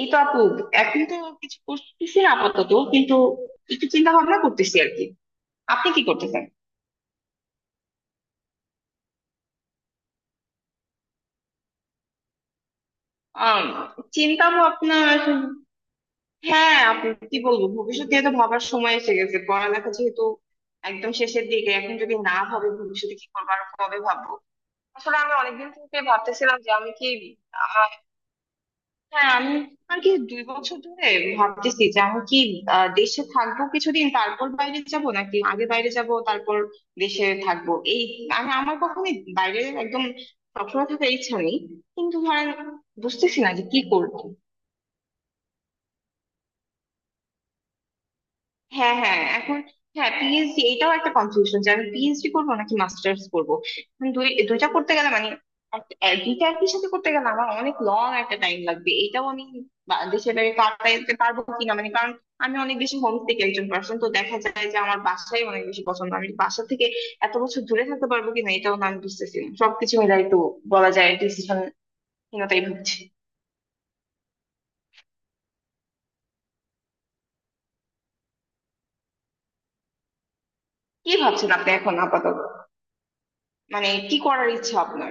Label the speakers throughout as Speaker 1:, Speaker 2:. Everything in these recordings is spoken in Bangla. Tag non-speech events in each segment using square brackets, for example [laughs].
Speaker 1: এই তো আপু, এখন তো কিছু করতেছি না আপাতত, কিন্তু একটু চিন্তা ভাবনা করতেছি আর কি। আপনি কি করতেছেন? আম, চিন্তা ভাবনা হ্যাঁ আপু, কি বলবো? ভবিষ্যৎ নিয়ে তো ভাবার সময় এসে গেছে, পড়ালেখা যেহেতু একদম শেষের দিকে। এখন যদি না ভাবে ভবিষ্যতে কি করবো আর কবে ভাববো। আসলে আমি অনেকদিন থেকে ভাবতেছিলাম যে আমি কি, হ্যাঁ আমি আর কি দুই বছর ধরে ভাবতেছি যে আমি কি, দেশে থাকবো কিছুদিন তারপর বাইরে যাব, নাকি আগে বাইরে যাব তারপর দেশে থাকবো। এই আমার কখনোই বাইরে একদম সবসময় থাকার ইচ্ছা নেই, কিন্তু ধরেন বুঝতেছি না যে কি করব। হ্যাঁ হ্যাঁ এখন, হ্যাঁ পিএইচডি, এটাও একটা কনফিউশন যে আমি পিএইচডি করবো নাকি মাস্টার্স করবো। এখন দুই দুইটা করতে গেলে মানে দুইটা একই সাথে করতে গেলে আমার অনেক লং একটা টাইম লাগবে। এটাও আমি দেশের বাইরে কাটাইতে পারবো কিনা, মানে কারণ আমি অনেক বেশি হোম থেকে একজন পার্সন, তো দেখা যায় যে আমার বাসাই অনেক বেশি পছন্দ। আমি বাসা থেকে এত বছর দূরে থাকতে পারবো কিনা, এটাও না আমি বুঝতেছি না। সবকিছু মিলাই তো বলা যায় ডিসিশন হীনতাই ভুগছি। কি ভাবছেন আপনি এখন আপাতত? মানে কি করার ইচ্ছা আপনার?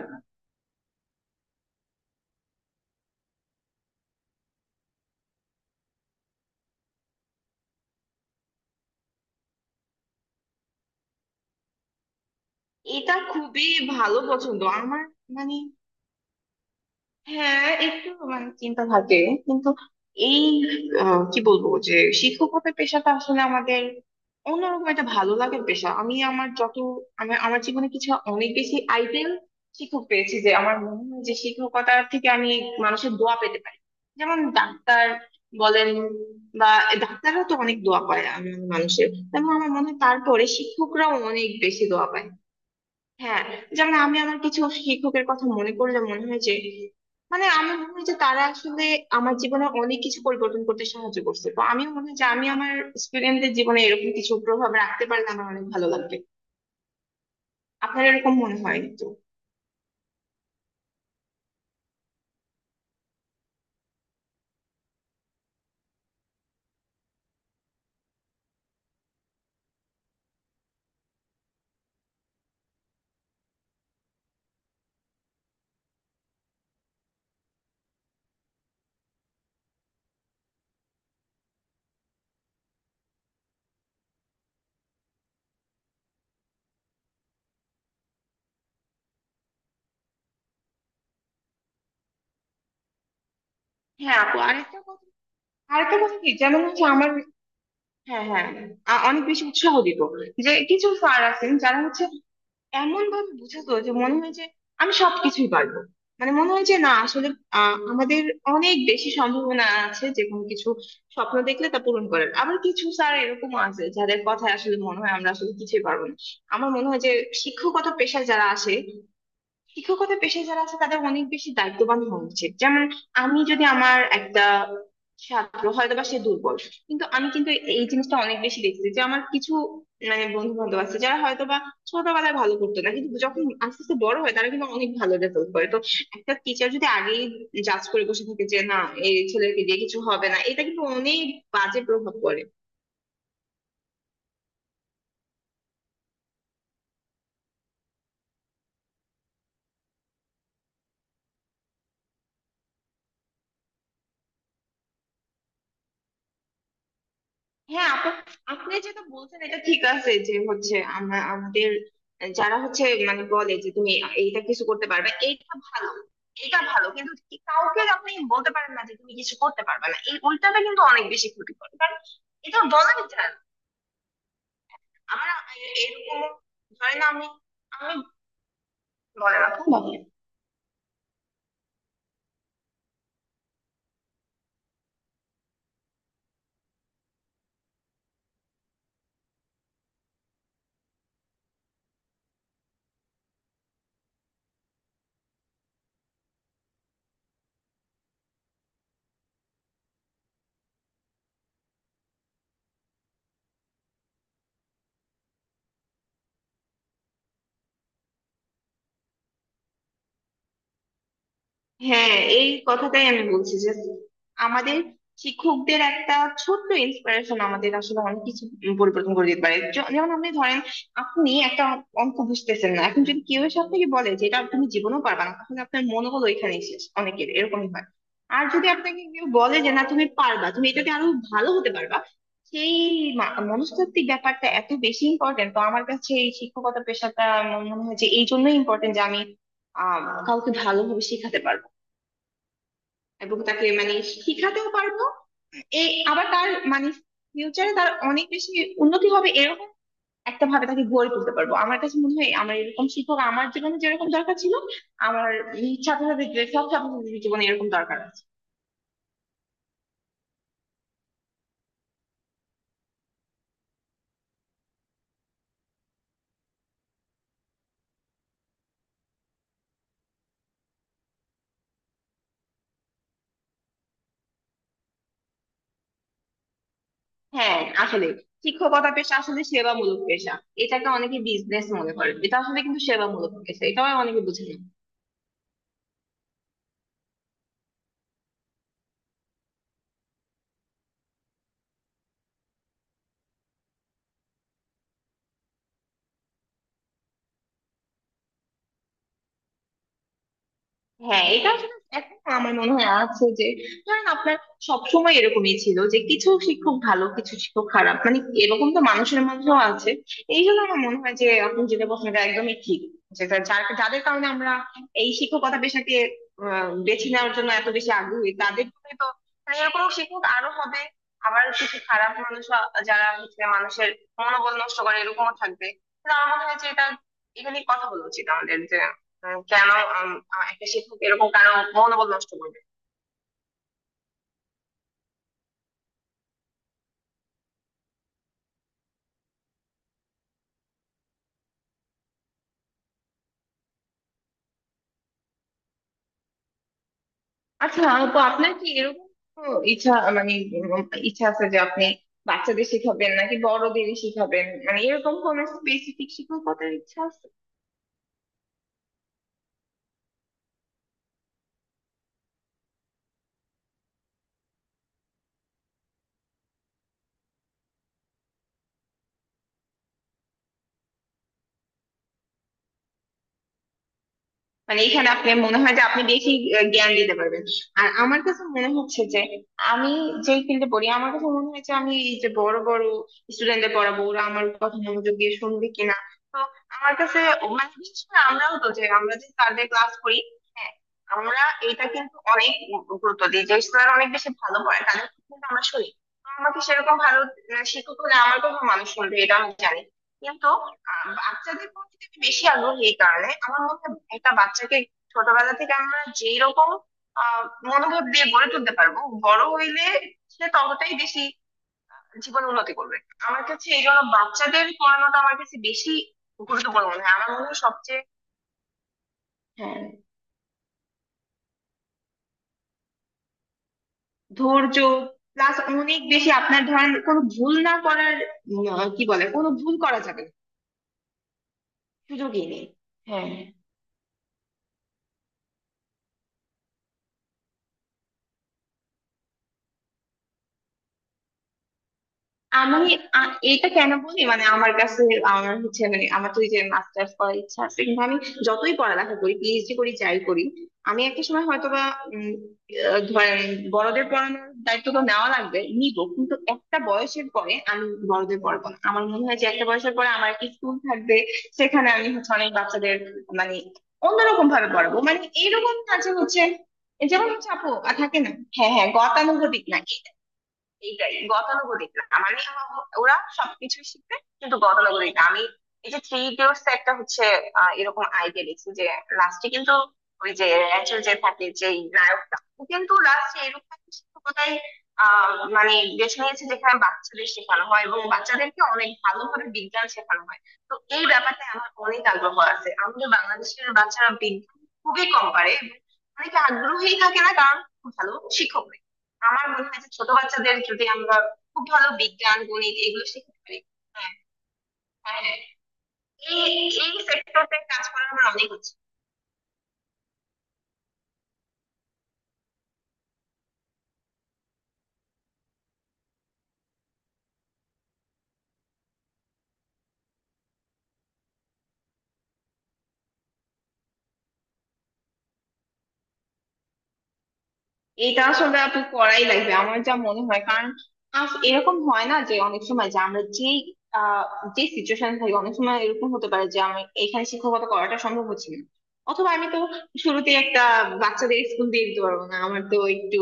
Speaker 1: এটা খুবই ভালো পছন্দ আমার, মানে হ্যাঁ একটু মানে চিন্তা থাকে কিন্তু। এই কি বলবো যে শিক্ষকতার পেশাটা আসলে আমাদের অন্যরকম একটা ভালো লাগার পেশা। আমি আমার যত আমার আমার জীবনে কিছু অনেক বেশি আইডেল শিক্ষক পেয়েছি যে আমার মনে হয় যে শিক্ষকতার থেকে আমি মানুষের দোয়া পেতে পারি। যেমন ডাক্তার বলেন, বা ডাক্তাররা তো অনেক দোয়া পায় মানুষের, তেমন আমার মনে হয় তারপরে শিক্ষকরাও অনেক বেশি দোয়া পায়। হ্যাঁ যেমন আমি আমার কিছু শিক্ষকের কথা মনে করলে মনে হয় যে মানে আমি মনে হয় যে তারা আসলে আমার জীবনে অনেক কিছু পরিবর্তন করতে সাহায্য করছে। তো আমি মনে হয় যে আমি আমার স্টুডেন্টদের জীবনে এরকম কিছু প্রভাব রাখতে পারলে আমার অনেক ভালো লাগবে। আপনার এরকম মনে হয় তো? হ্যাঁ আপু আরেকটা কথা, আরেকটা কথা কি, যেমন হচ্ছে আমার, হ্যাঁ হ্যাঁ অনেক বেশি উৎসাহ দিত যে কিছু স্যার আছেন যারা হচ্ছে এমন ভাবে বোঝাতো যে মনে হয় যে আমি সবকিছুই পারবো। মানে মনে হয় যে না, আসলে আমাদের অনেক বেশি সম্ভাবনা আছে যে কোনো কিছু স্বপ্ন দেখলে তা পূরণ করার। আবার কিছু স্যার এরকম আছে যাদের কথা আসলে মনে হয় আমরা আসলে কিছুই পারবো না। আমার মনে হয় যে শিক্ষকতা পেশায় যারা আসে, শিক্ষকতা পেশায় যারা আছে তাদের অনেক বেশি দায়িত্ববান হওয়া উচিত। যেমন আমি যদি আমার একটা ছাত্র হয়তো বা সে দুর্বল কিন্তু আমি, কিন্তু এই জিনিসটা অনেক বেশি দেখছি যে আমার কিছু মানে বন্ধু বান্ধব আছে যারা হয়তো বা ছোটবেলায় ভালো করতো না কিন্তু যখন আস্তে আস্তে বড় হয় তারা কিন্তু অনেক ভালো রেজাল্ট করে। তো একটা টিচার যদি আগেই জাজ করে বসে থাকে যে না এই ছেলেকে দিয়ে কিছু হবে না, এটা কিন্তু অনেক বাজে প্রভাব পড়ে। হ্যাঁ আপনি যেটা বলছেন এটা ঠিক আছে যে হচ্ছে আমরা আমাদের যারা হচ্ছে মানে বলে যে তুমি এইটা কিছু করতে পারবে, এইটা ভালো এটা ভালো, কিন্তু কাউকে আপনি বলতে পারেন না যে তুমি কিছু করতে পারবে না। এই উল্টাটা কিন্তু অনেক বেশি ক্ষতি করে কারণ এটা বলাই যায় না। আমার এ- এরকম ধরেন, আমি আমি বলেন আপু, বলেন। হ্যাঁ এই কথাটাই আমি বলছি যে আমাদের শিক্ষকদের একটা ছোট্ট ইন্সপিরেশন আমাদের আসলে অনেক কিছু পরিবর্তন করে দিতে পারে। যেমন আপনি ধরেন আপনি একটা অঙ্ক বুঝতেছেন না, এখন যদি কেউ এসে আপনাকে বলে যে এটা তুমি জীবনেও পারবা না, তাহলে আপনার মনোবল ওইখানেই শেষ, অনেকের এরকমই হয়। আর যদি আপনাকে কেউ বলে যে না তুমি পারবা, তুমি এটাতে আরো ভালো হতে পারবা, সেই মনস্তাত্ত্বিক ব্যাপারটা এত বেশি ইম্পর্টেন্ট। তো আমার কাছে এই শিক্ষকতা পেশাটা মনে হয় যে এই জন্যই ইম্পর্টেন্ট যে আমি আহ কাউকে ভালোভাবে শেখাতে পারবো এবং তাকে মানে শিখাতেও পারবো। এই আবার তার মানে ফিউচারে তার অনেক বেশি উন্নতি হবে, এরকম একটা ভাবে তাকে গড়ে তুলতে পারবো। আমার কাছে মনে হয় আমার এরকম শিক্ষক আমার জীবনে যেরকম দরকার ছিল, আমার ছাত্রছাত্রীদের, সব ছাত্রছাত্রীদের জীবনে এরকম দরকার আছে। হ্যাঁ আসলে শিক্ষকতা পেশা আসলে সেবামূলক পেশা। এটাকে অনেকে বিজনেস মনে করে, এটা আসলে কিন্তু সেবামূলক পেশা, এটাও অনেকে বুঝে না। হ্যাঁ এটা আসলে এখন আমার মনে হয় আছে যে ধরেন আপনার সবসময় এরকমই ছিল যে কিছু শিক্ষক ভালো কিছু শিক্ষক খারাপ, মানে এরকম তো মানুষের মধ্যেও আছে। এই জন্য আমার মনে হয় যে আপনি যেটা বলছেন এটা একদমই ঠিক। যেটা যার যাদের কারণে আমরা এই শিক্ষকতা পেশাকে বেছে নেওয়ার জন্য এত বেশি আগ্রহী, তাদের জন্য তো মানে এরকম শিক্ষক আরো হবে। আবার কিছু খারাপ মানুষ যারা হচ্ছে মানুষের মনোবল নষ্ট করে এরকমও থাকবে, কিন্তু আমার মনে হয় যে এটা এখানে কথা বলা উচিত আমাদের যে কেন একটা শিক্ষক এরকম কারো মনোবল নষ্ট করবে। আচ্ছা, তো আপনার কি এরকম কোনো ইচ্ছা, মানে ইচ্ছা আছে যে আপনি বাচ্চাদের শিখাবেন নাকি বড়দের শিখাবেন, মানে এরকম কোন স্পেসিফিক শিক্ষকতার ইচ্ছা আছে? মানে এখানে আপনি মনে হয় যে আপনি বেশি জ্ঞান দিতে পারবেন। আর আমার কাছে মনে হচ্ছে যে আমি যে ফিল্ডে পড়ি আমার কাছে মনে হয় যে আমি এই যে বড় বড় স্টুডেন্টদের পড়াবো ওরা আমার কথা মনোযোগ দিয়ে শুনবে কিনা। তো আমার কাছে মানে বিশেষ করে আমরাও তো, যে আমরা যে স্যারদের ক্লাস করি, হ্যাঁ আমরা এটা কিন্তু অনেক গুরুত্ব দিই যে স্যার অনেক বেশি ভালো পড়ে, তাদের কথা কিন্তু আমরা শুনি। তো আমাকে সেরকম ভালো শিক্ষক হলে আমার কথা মানুষ শুনবে এটা আমি জানি। কিন্তু বাচ্চাদের প্রতি আমি বেশি আগ্রহী, এই কারণে আমার মনে হয় একটা বাচ্চাকে ছোটবেলা থেকে আমরা যেই রকম আহ মনোভাব দিয়ে গড়ে তুলতে পারবো, বড় হইলে সে ততটাই বেশি জীবন উন্নতি করবে। আমার কাছে এই জন্য বাচ্চাদের পড়ানোটা আমার কাছে বেশি গুরুত্বপূর্ণ মনে হয়, আমার মনে হয় সবচেয়ে। হ্যাঁ ধৈর্য প্লাস অনেক বেশি আপনার ধরেন কোনো ভুল না করার, কি বলে, কোনো ভুল করা যাবে না, সুযোগই নেই। হ্যাঁ আমি, এটা কেন বলি মানে আমার কাছে আমার হচ্ছে মানে আমার তো এই যে মাস্টার্স করার ইচ্ছা আছে, কিন্তু আমি যতই পড়ালেখা করি পিএইচডি করি যাই করি আমি একটা সময় হয়তোবা উম, ধরেন বড়দের পড়ানোর দায়িত্ব তো নেওয়া লাগবে, নিব, কিন্তু একটা বয়সের পরে আমি বড়দের পড়াবো না। আমার মনে হয় যে একটা বয়সের পরে আমার একটা স্কুল থাকবে, সেখানে আমি হচ্ছে অনেক বাচ্চাদের মানে অন্যরকম ভাবে পড়াবো, মানে এইরকম কাজে হচ্ছে। যেমন হচ্ছে আপু, থাকে না, হ্যাঁ হ্যাঁ গতানুগতিক না, এইটাই গতানুগতিক না, মানে ওরা সবকিছুই শিখবে কিন্তু গতানুগতিক না। আমি এই যে থ্রি ইডিয়টস একটা হচ্ছে এরকম আইডিয়া দেখছি যে লাস্টে কিন্তু ওই যে র্যাচেল যে থাকে, যে নায়কটা ও কিন্তু লাস্টে এরকম একটা শিক্ষকতায় মানে বেছে নিয়েছে যেখানে বাচ্চাদের শেখানো হয় এবং বাচ্চাদেরকে অনেক ভালোভাবে বিজ্ঞান শেখানো হয়। তো এই ব্যাপারটা আমার অনেক আগ্রহ আছে। আমাদের বাংলাদেশের বাচ্চারা বিজ্ঞান খুবই কম পারে এবং অনেকে আগ্রহী থাকে না কারণ ভালো শিক্ষক নেই। আমার মনে হয় যে ছোট বাচ্চাদের যদি আমরা খুব ভালো বিজ্ঞান গণিত এগুলো শেখাতে পারি, হ্যাঁ হ্যাঁ, এই এই sector টায় কাজ করার আমার অনেক ইচ্ছে। এটা আসলে আপু করাই লাগবে আমার যা মনে হয় কারণ এরকম হয় না যে অনেক সময় যে আমরা যে আহ, যে সিচুয়েশন থাকি, অনেক সময় এরকম হতে পারে যে আমি এখানে শিক্ষকতা করাটা সম্ভব হচ্ছে না অথবা আমি তো শুরুতে একটা বাচ্চাদের স্কুল দিয়ে দিতে পারবো না। আমার তো একটু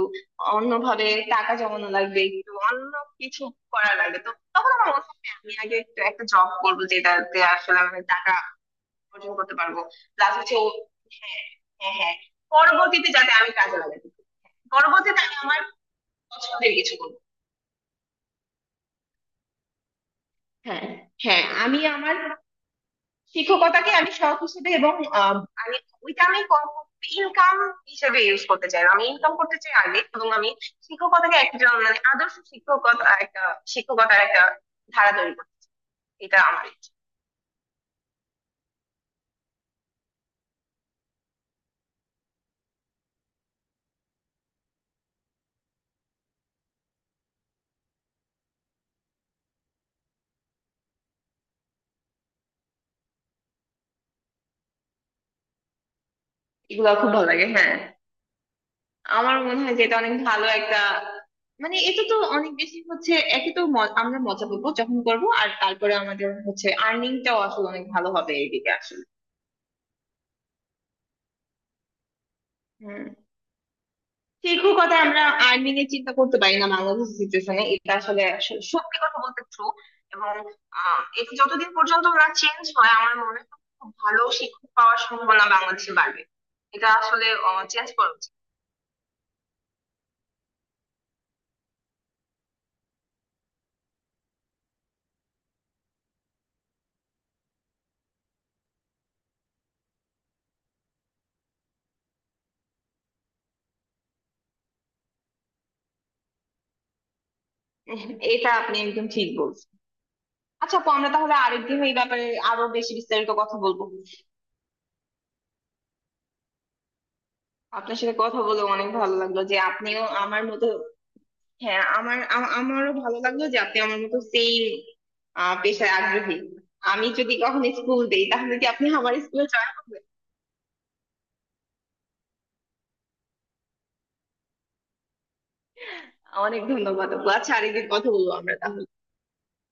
Speaker 1: অন্যভাবে টাকা জমানো লাগবে, একটু অন্য কিছু করা লাগবে, তো তখন আমার মনে হয় আমি আগে একটু একটা জব করবো যেটাতে আসলে আমি টাকা অর্জন করতে পারবো। প্লাস হচ্ছে, হ্যাঁ হ্যাঁ হ্যাঁ পরবর্তীতে যাতে আমি কাজে লাগাতে, পরবর্তীতে আমি আমার পছন্দের কিছু করবো। হ্যাঁ হ্যাঁ আমি আমার শিক্ষকতাকে আমি শখ হিসেবে এবং আহ, আমি ওইটা আমি ইনকাম হিসেবে ইউজ করতে চাই, আমি ইনকাম করতে চাই আগে এবং আমি শিক্ষকতাকে একজন মানে আদর্শ শিক্ষকতা একটা শিক্ষকতার একটা ধারা তৈরি করতে চাই। এটা আমার, এগুলো খুব ভালো লাগে হ্যাঁ। আমার মনে হয় যে এটা অনেক ভালো একটা মানে, এটা তো অনেক বেশি হচ্ছে, একে তো আমরা মজা করবো যখন করবো আর তারপরে আমাদের হচ্ছে আর্নিংটাও আসলে অনেক ভালো হবে এইদিকে আসলে। হম, সেরকম কথা আমরা আর্নিং এর চিন্তা করতে পারি না বাংলাদেশের সিচুয়েশনে, এটা আসলে সত্যি কথা বলতে ট্রু। এবং এটা যতদিন পর্যন্ত না চেঞ্জ হয় আমার মনে হয় খুব ভালো শিক্ষক পাওয়ার সম্ভাবনা বাংলাদেশে বাড়বে, এটা আসলে চেঞ্জ করা উচিত। [laughs] উহ, এটা আপনি একদম ঠিক বলছেন। আচ্ছা আপু, আমরা তাহলে আরেকদিন এই ব্যাপারে আরো বেশি বিস্তারিত কথা বলবো। আপনার সাথে কথা বলে অনেক ভালো লাগলো যে আপনিও আমার মতো, হ্যাঁ। আমারও ভালো লাগলো যে আপনি আমার মতো সেম পেশায় আগ্রহী। আমি যদি কখনো স্কুল দেই তাহলে কি আপনি আমার স্কুলে জয়েন করবেন? অনেক ধন্যবাদ আপু। আচ্ছা, আরেকদিন কথা বলবো আমরা তাহলে।